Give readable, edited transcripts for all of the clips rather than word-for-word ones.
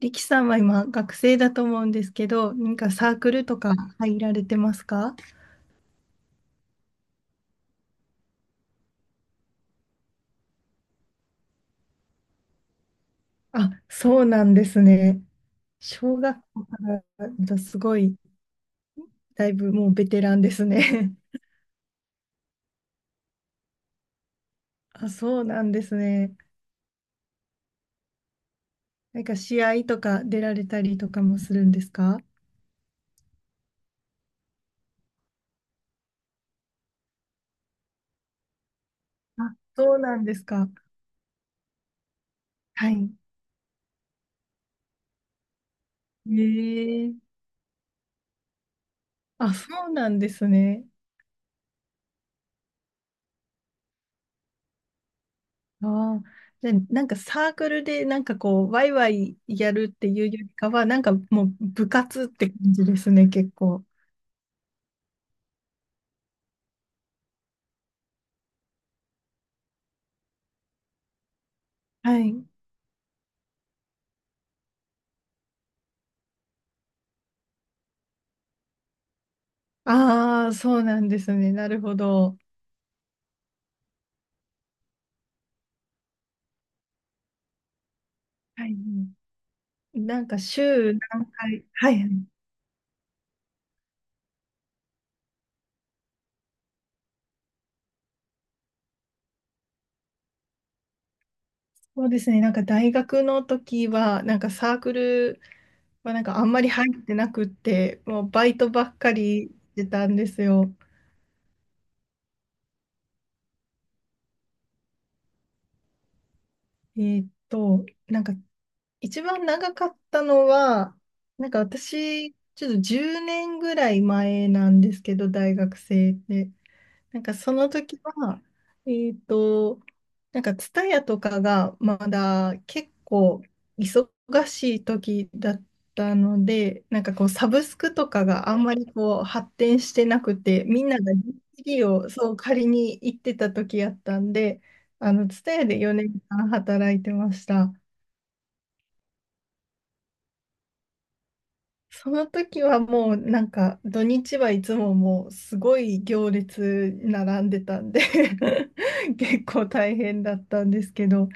力さんは今学生だと思うんですけど、何かサークルとか入られてますか？あ、そうなんですね。小学校からだすごい、だいぶもうベテランですね。あ、そうなんですね。なんか試合とか出られたりとかもするんですか？あ、そうなんですか。はい。ええ、あ、そうなんですね。ああ、で、なんかサークルでなんかこう、ワイワイやるっていうよりかは、なんかもう部活って感じですね、結構。はい。ああ、そうなんですね。なるほど。はい。なんか週何回、はい。そうですね。なんか大学の時は、サークルはあんまり入ってなくって、もうバイトばっかりしてたんですよ。えーっと、なんか一番長かったのは、なんか私、ちょっと10年ぐらい前なんですけど、大学生で。なんかその時は、えっと、なんか TSUTAYA とかがまだ結構忙しい時だったので、なんかこうサブスクとかがあんまりこう発展してなくて、みんなが d をそう借りに行ってた時やったんで、あの TSUTAYA で4年間働いてました。その時はもうなんか土日はいつももうすごい行列並んでたんで 結構大変だったんですけど、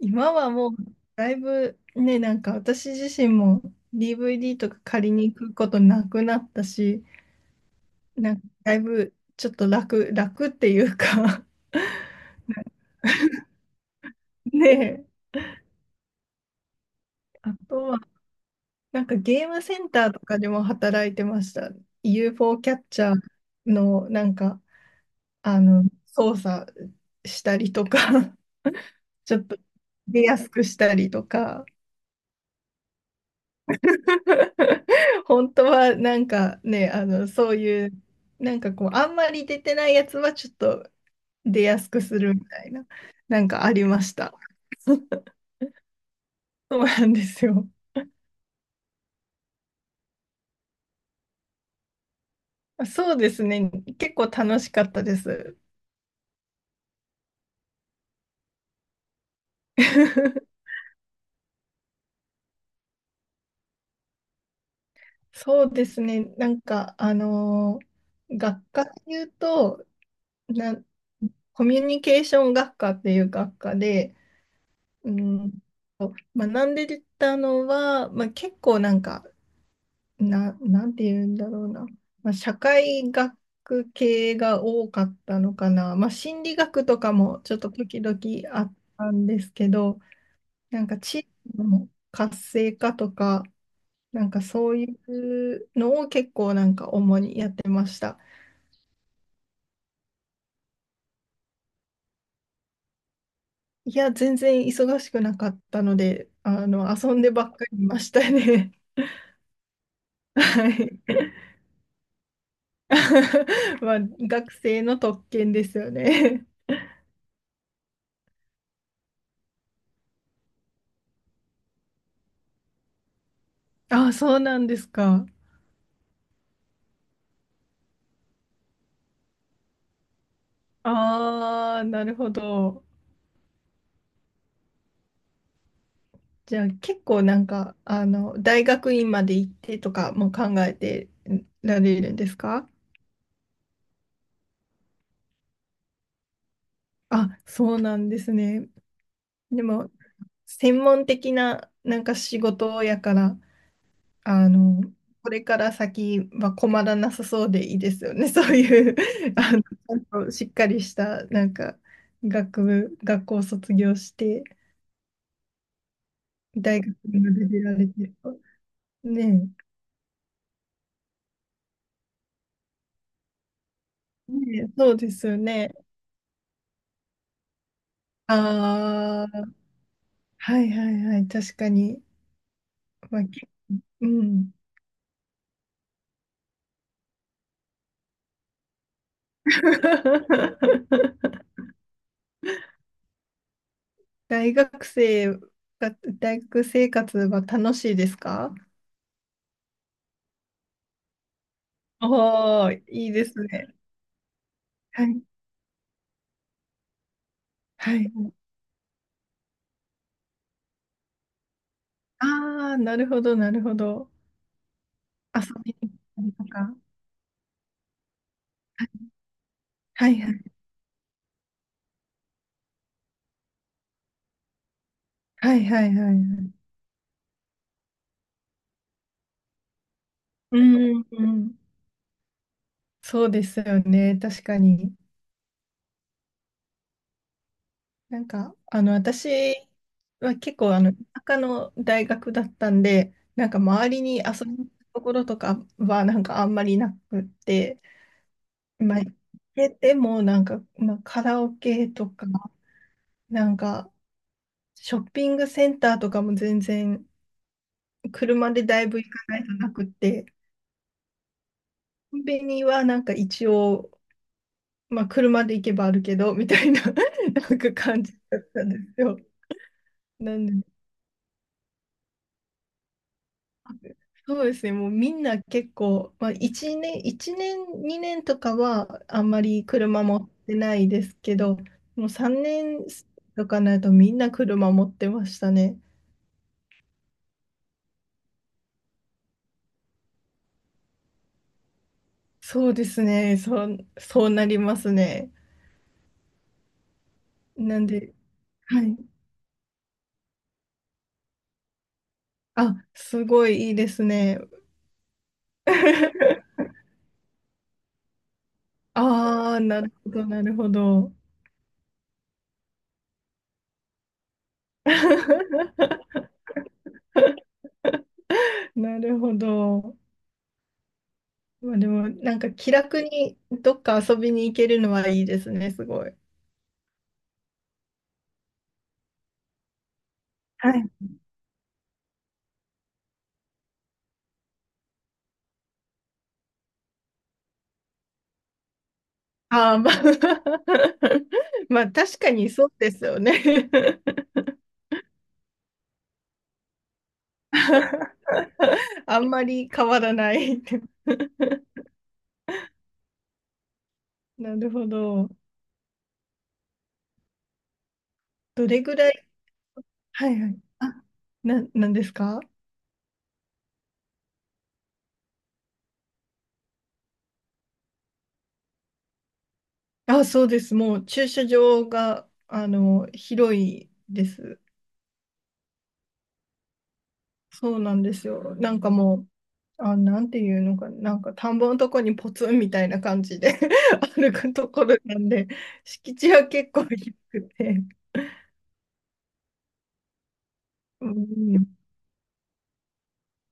今はもうだいぶね、なんか私自身も DVD とか借りに行くことなくなったし、なんかだいぶちょっと楽っていうか。 ねえ。あとはなんかゲームセンターとかでも働いてました。 UFO キャッチャーのなんかあの、操作したりとか、ちょっと出やすくしたりとか、本当はなんかね、あの、そういう、なんかこう、あんまり出てないやつはちょっと出やすくするみたいな、なんかありました。そうなんですよ。そうですね、結構楽しかったです。そうですね、なんか、学科で言うと、なんコミュニケーション学科っていう学科で、うん、と学んでたのは、まあ、結構なんか、なんて言うんだろうな、まあ、社会学系が多かったのかな、まあ、心理学とかもちょっと時々あったんですけど、なんか地域の活性化とか、なんかそういうのを結構なんか主にやってました。いや、全然忙しくなかったので、あの、遊んでばっかりいましたね。はい。 まあ、学生の特権ですよね。あ、そうなんですか。ああ、なるほど。じゃあ結構なんか、あの、大学院まで行ってとかも考えてられるんですか？あ、そうなんですね。でも、専門的ななんか仕事やから、あの、これから先は困らなさそうでいいですよね。そういう、あの、ちゃんとしっかりした、なんか、学部、学校を卒業して、大学まで出られてると。ねねえ、そうですよね。ああ、はいはいはい、確かに。まあ、けうん。大学生が、大学生活は楽しいですか？おおー、いいですね。はい。はい。ああ、なるほど、なるほど。遊びに行ったりとか。はいはい。はいはいはいはい。うんうんうん。そうですよね。確かに。なんか、あの、私は結構、あの、田舎の大学だったんで、なんか周りに遊びに行くところとかは、なんかあんまりなくって、まあ、行けても、なんか、まあ、カラオケとか、なんか、ショッピングセンターとかも全然、車でだいぶ行かないとなくって、コンビニはなんか一応、まあ車で行けばあるけど、みたいな なんか感じだったんですよ。なんで、そうですね、もうみんな結構、まあ1年、一年、2年とかはあんまり車持ってないですけど、もう3年とかになるとみんな車持ってましたね。そうですね、そうなりますね。なんで、はい。あ、すごいいいですね。ああ、なるほど、なるほど。なるほど。まあでも、なんか気楽にどっか遊びに行けるのはいいですね、すごい。はい。ああ、まあ、まあ確かにそうですよね。あんまり変わらない。なるほど。どれぐらい、はいはい。なんですか？あ、そうです。もう駐車場が、あの、広いです。そうなんですよ。なんかもう、あ、なんていうのかな、なんか田んぼのとこにポツンみたいな感じで 歩くところなんで、敷地は結構広くて。うん、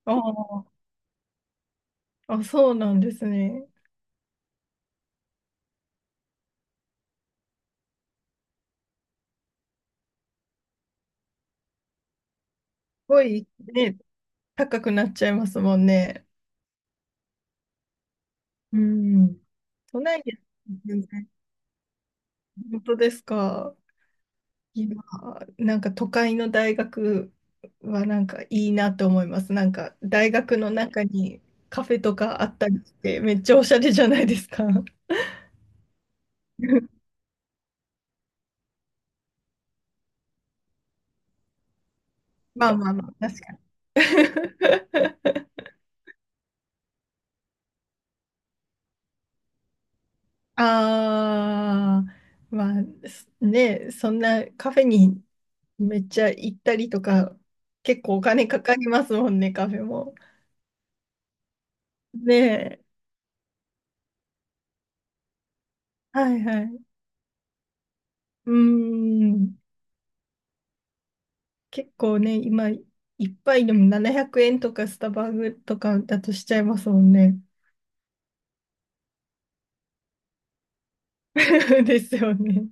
あー、あ、そうなんですね。すごい、ね、高くなっちゃいますもんね。うん。都内です。全然。本当ですか？今、なんか都会の大学はなんかいいなって思います。なんか大学の中にカフェとかあったりして、めっちゃおしゃれじゃないですか。まあまあまあ、確かに。ああ、まあ、すね、そんなカフェにめっちゃ行ったりとか、結構お金かかりますもんね、カフェも。ねえ、はいはい。うーん。結構ね、今、一杯でも700円とかスタバとかだとしちゃいますもんね。ですよね。